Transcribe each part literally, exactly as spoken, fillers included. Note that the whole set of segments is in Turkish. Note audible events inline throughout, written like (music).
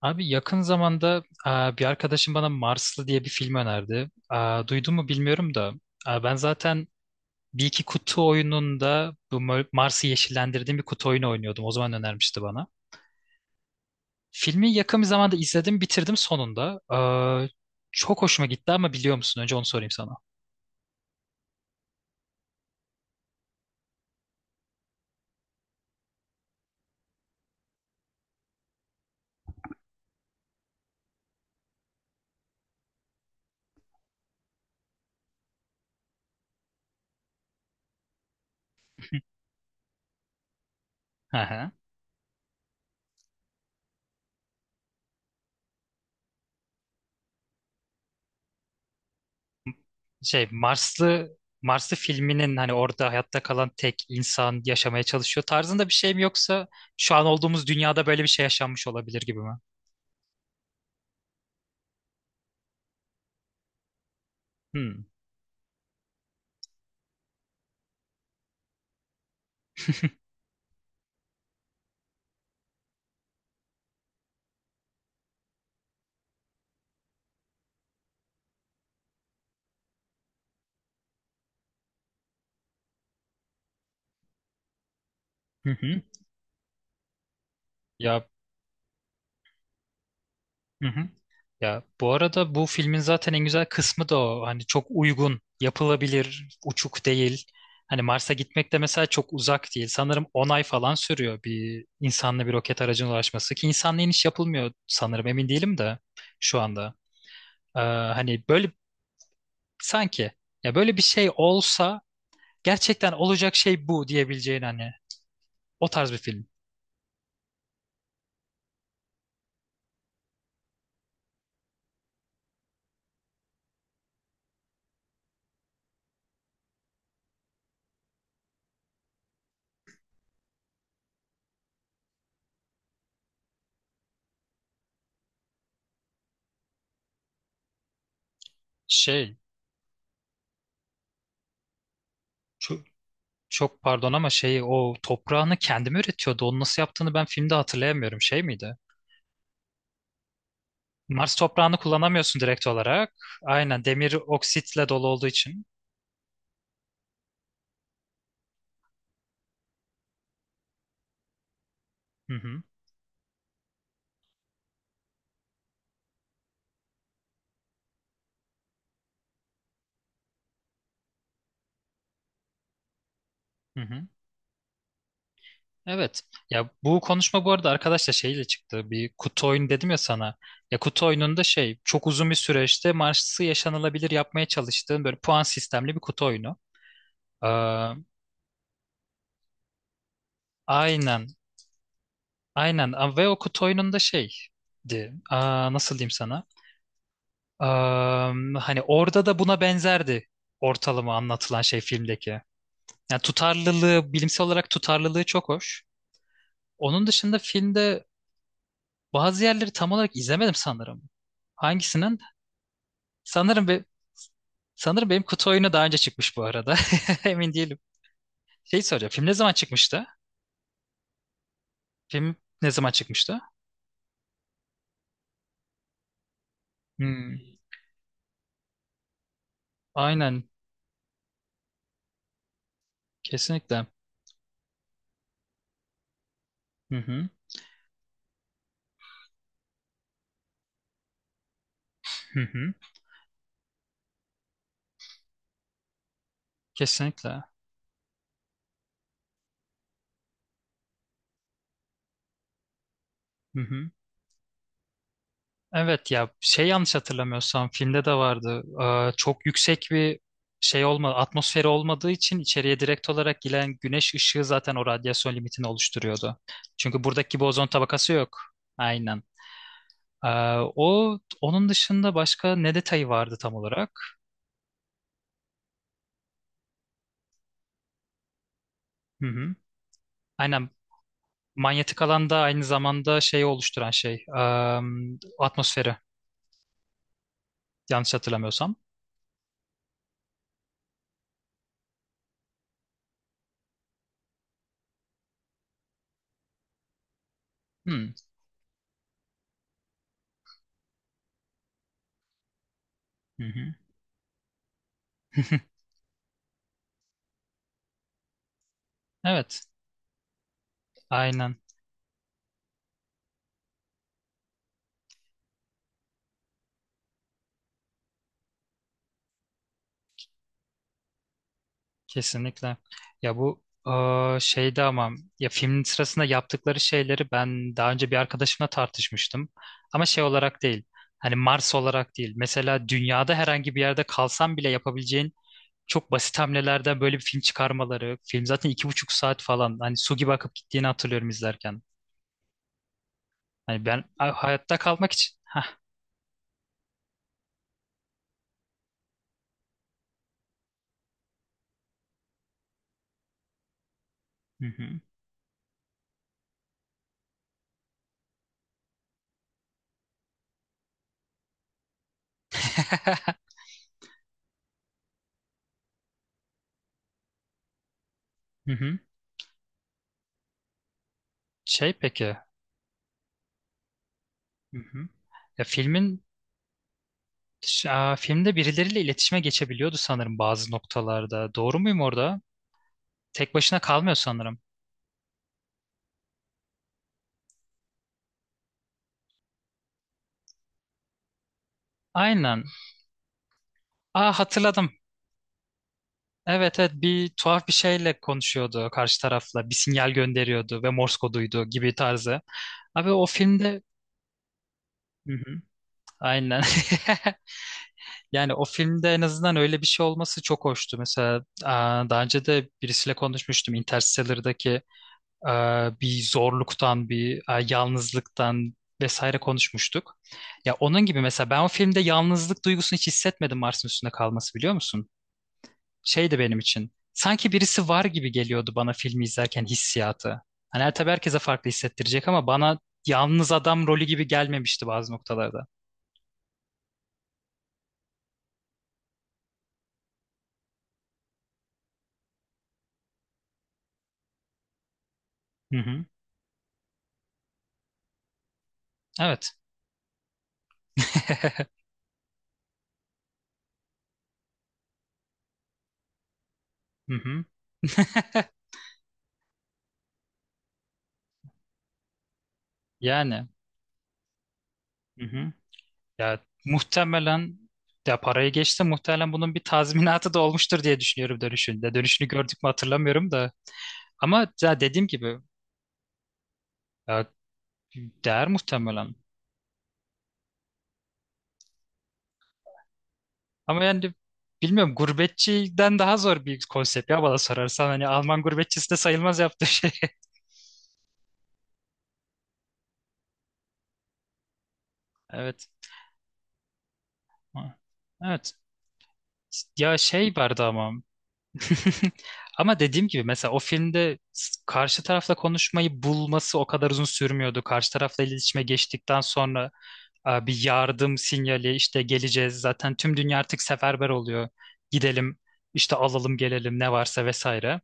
Abi yakın zamanda e, bir arkadaşım bana Marslı diye bir film önerdi. E, Duydun mu bilmiyorum da e, ben zaten bir iki kutu oyununda bu Mar- Mars'ı yeşillendirdiğim bir kutu oyunu oynuyordum. O zaman önermişti bana. Filmi yakın bir zamanda izledim, bitirdim sonunda. E, Çok hoşuma gitti, ama biliyor musun? Önce onu sorayım sana. Hı hı. Şey, Marslı Marslı filminin hani orada hayatta kalan tek insan yaşamaya çalışıyor tarzında bir şey mi, yoksa şu an olduğumuz dünyada böyle bir şey yaşanmış olabilir gibi mi? Hmm. Hı hı. Ya, hı hı. Ya, bu arada bu filmin zaten en güzel kısmı da o. Hani çok uygun, yapılabilir, uçuk değil. Hani Mars'a gitmek de mesela çok uzak değil. Sanırım on ay falan sürüyor bir insanla bir roket aracına ulaşması, ki insanla iniş yapılmıyor sanırım, emin değilim de şu anda. Ee, hani böyle sanki, ya böyle bir şey olsa gerçekten olacak şey bu diyebileceğin hani o tarz bir film. Şey, ço- çok pardon, ama şeyi, o toprağını kendi mi üretiyordu? Onu nasıl yaptığını ben filmde hatırlayamıyorum. Şey miydi? Mars toprağını kullanamıyorsun direkt olarak. Aynen, demir oksitle dolu olduğu için. Hı hı. Hı hı. Evet. Ya, bu konuşma bu arada arkadaşla şeyle çıktı. Bir kutu oyunu dedim ya sana. Ya, kutu oyununda şey, çok uzun bir süreçte Mars'ı yaşanılabilir yapmaya çalıştığın böyle puan sistemli bir kutu oyunu. Ee, aynen. Aynen. Ve o kutu oyununda şeydi. Aa, nasıl diyeyim sana? Am, hani orada da buna benzerdi ortalama anlatılan şey filmdeki. Yani tutarlılığı, bilimsel olarak tutarlılığı çok hoş. Onun dışında filmde bazı yerleri tam olarak izlemedim sanırım. Hangisinin? Sanırım be, sanırım benim kutu oyunu daha önce çıkmış bu arada. (laughs) Emin değilim. Şey soracağım. Film ne zaman çıkmıştı? Film ne zaman çıkmıştı? Hmm, aynen. Kesinlikle. Hı hı. Hı hı. Kesinlikle. Hı hı. Evet, ya şey, yanlış hatırlamıyorsam filmde de vardı. Ee, çok yüksek bir şey olma, atmosferi olmadığı için içeriye direkt olarak giren güneş ışığı zaten o radyasyon limitini oluşturuyordu. Çünkü buradaki gibi ozon tabakası yok. Aynen. Ee, o onun dışında başka ne detayı vardı tam olarak? Hı hı. Aynen. Manyetik alanda aynı zamanda şeyi oluşturan şey, em, atmosferi, yanlış hatırlamıyorsam. Hı hı. Hı. (laughs) Evet. Aynen. Kesinlikle. Ya bu eee, şeyde ama, ya filmin sırasında yaptıkları şeyleri ben daha önce bir arkadaşımla tartışmıştım. Ama şey olarak değil. Hani Mars olarak değil. Mesela dünyada herhangi bir yerde kalsan bile yapabileceğin çok basit hamlelerden böyle bir film çıkarmaları. Film zaten iki buçuk saat falan. Hani su gibi akıp gittiğini hatırlıyorum izlerken. Hani ben a- hayatta kalmak için. Hah. Hı hı. (laughs) Hı hı. Şey peki. Hı hı. Ya, filmin, Ş- aa, filmde birileriyle iletişime geçebiliyordu sanırım bazı noktalarda. Doğru muyum orada? Tek başına kalmıyor sanırım. Aynen. Aa hatırladım. Evet, evet, bir tuhaf bir şeyle konuşuyordu karşı tarafla. Bir sinyal gönderiyordu ve Morse koduydu gibi tarzı. Abi o filmde... Hı hı, aynen. (laughs) Yani o filmde en azından öyle bir şey olması çok hoştu. Mesela aa, daha önce de birisiyle konuşmuştum. Interstellar'daki e, bir zorluktan, bir e, yalnızlıktan vesaire konuşmuştuk. Ya, onun gibi mesela ben o filmde yalnızlık duygusunu hiç hissetmedim Mars'ın üstünde kalması, biliyor musun? Şeydi benim için. Sanki birisi var gibi geliyordu bana filmi izlerken, hissiyatı. Hani her, tabii herkese farklı hissettirecek, ama bana yalnız adam rolü gibi gelmemişti bazı noktalarda. Hı hı. Evet. (laughs) Hı hı. Yani. Hı hı. Ya muhtemelen, ya parayı geçti, muhtemelen bunun bir tazminatı da olmuştur diye düşünüyorum dönüşünde. Dönüşünü gördük mü hatırlamıyorum da. Ama ya, dediğim gibi, ya değer muhtemelen. Ama yani bilmiyorum, gurbetçiden daha zor bir konsept ya, bana sorarsan. Hani Alman gurbetçisi de sayılmaz yaptığı şey. (laughs) Evet. Evet. Ya şey vardı ama. (laughs) Ama dediğim gibi, mesela o filmde s- karşı tarafla konuşmayı bulması o kadar uzun sürmüyordu. Karşı tarafla iletişime geçtikten sonra e, bir yardım sinyali, işte geleceğiz, zaten tüm dünya artık seferber oluyor. Gidelim işte, alalım, gelelim ne varsa vesaire.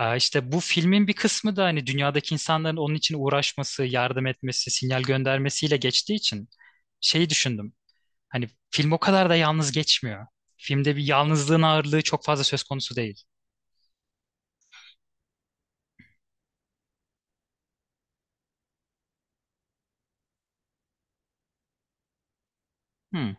E, İşte bu filmin bir kısmı da hani dünyadaki insanların onun için uğraşması, yardım etmesi, sinyal göndermesiyle geçtiği için şeyi düşündüm. Hani film o kadar da yalnız geçmiyor. Filmde bir yalnızlığın ağırlığı çok fazla söz konusu değil. Hmm.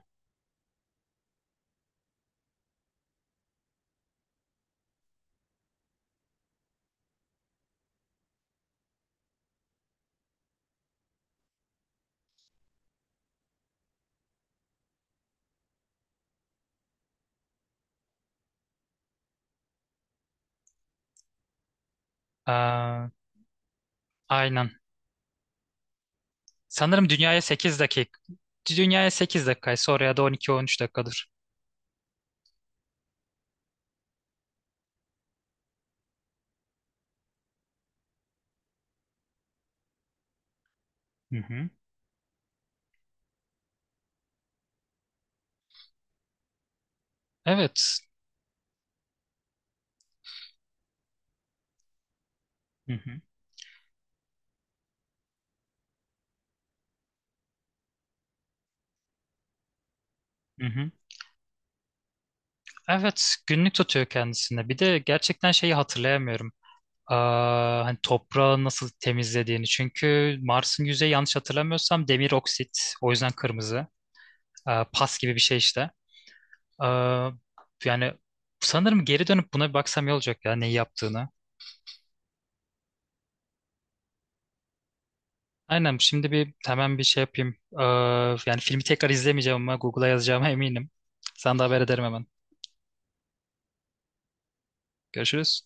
Ee, aynen. Sanırım dünyaya sekiz dakika. Dünyaya sekiz dakikaysa, oraya da on, on üç dakikadır. Hı hı. Evet. Hı hı. Hı hı. Evet, günlük tutuyor kendisinde. Bir de gerçekten şeyi hatırlayamıyorum. Aa, hani toprağı nasıl temizlediğini. Çünkü Mars'ın yüzeyi, yanlış hatırlamıyorsam, demir oksit. O yüzden kırmızı. Aa, pas gibi bir şey işte. Aa, yani sanırım geri dönüp buna bir baksam iyi olacak, ya neyi yaptığını. Aynen, şimdi bir hemen bir şey yapayım. Aa, yani filmi tekrar izlemeyeceğim, ama Google'a yazacağıma eminim. Sen de haber ederim hemen. Görüşürüz.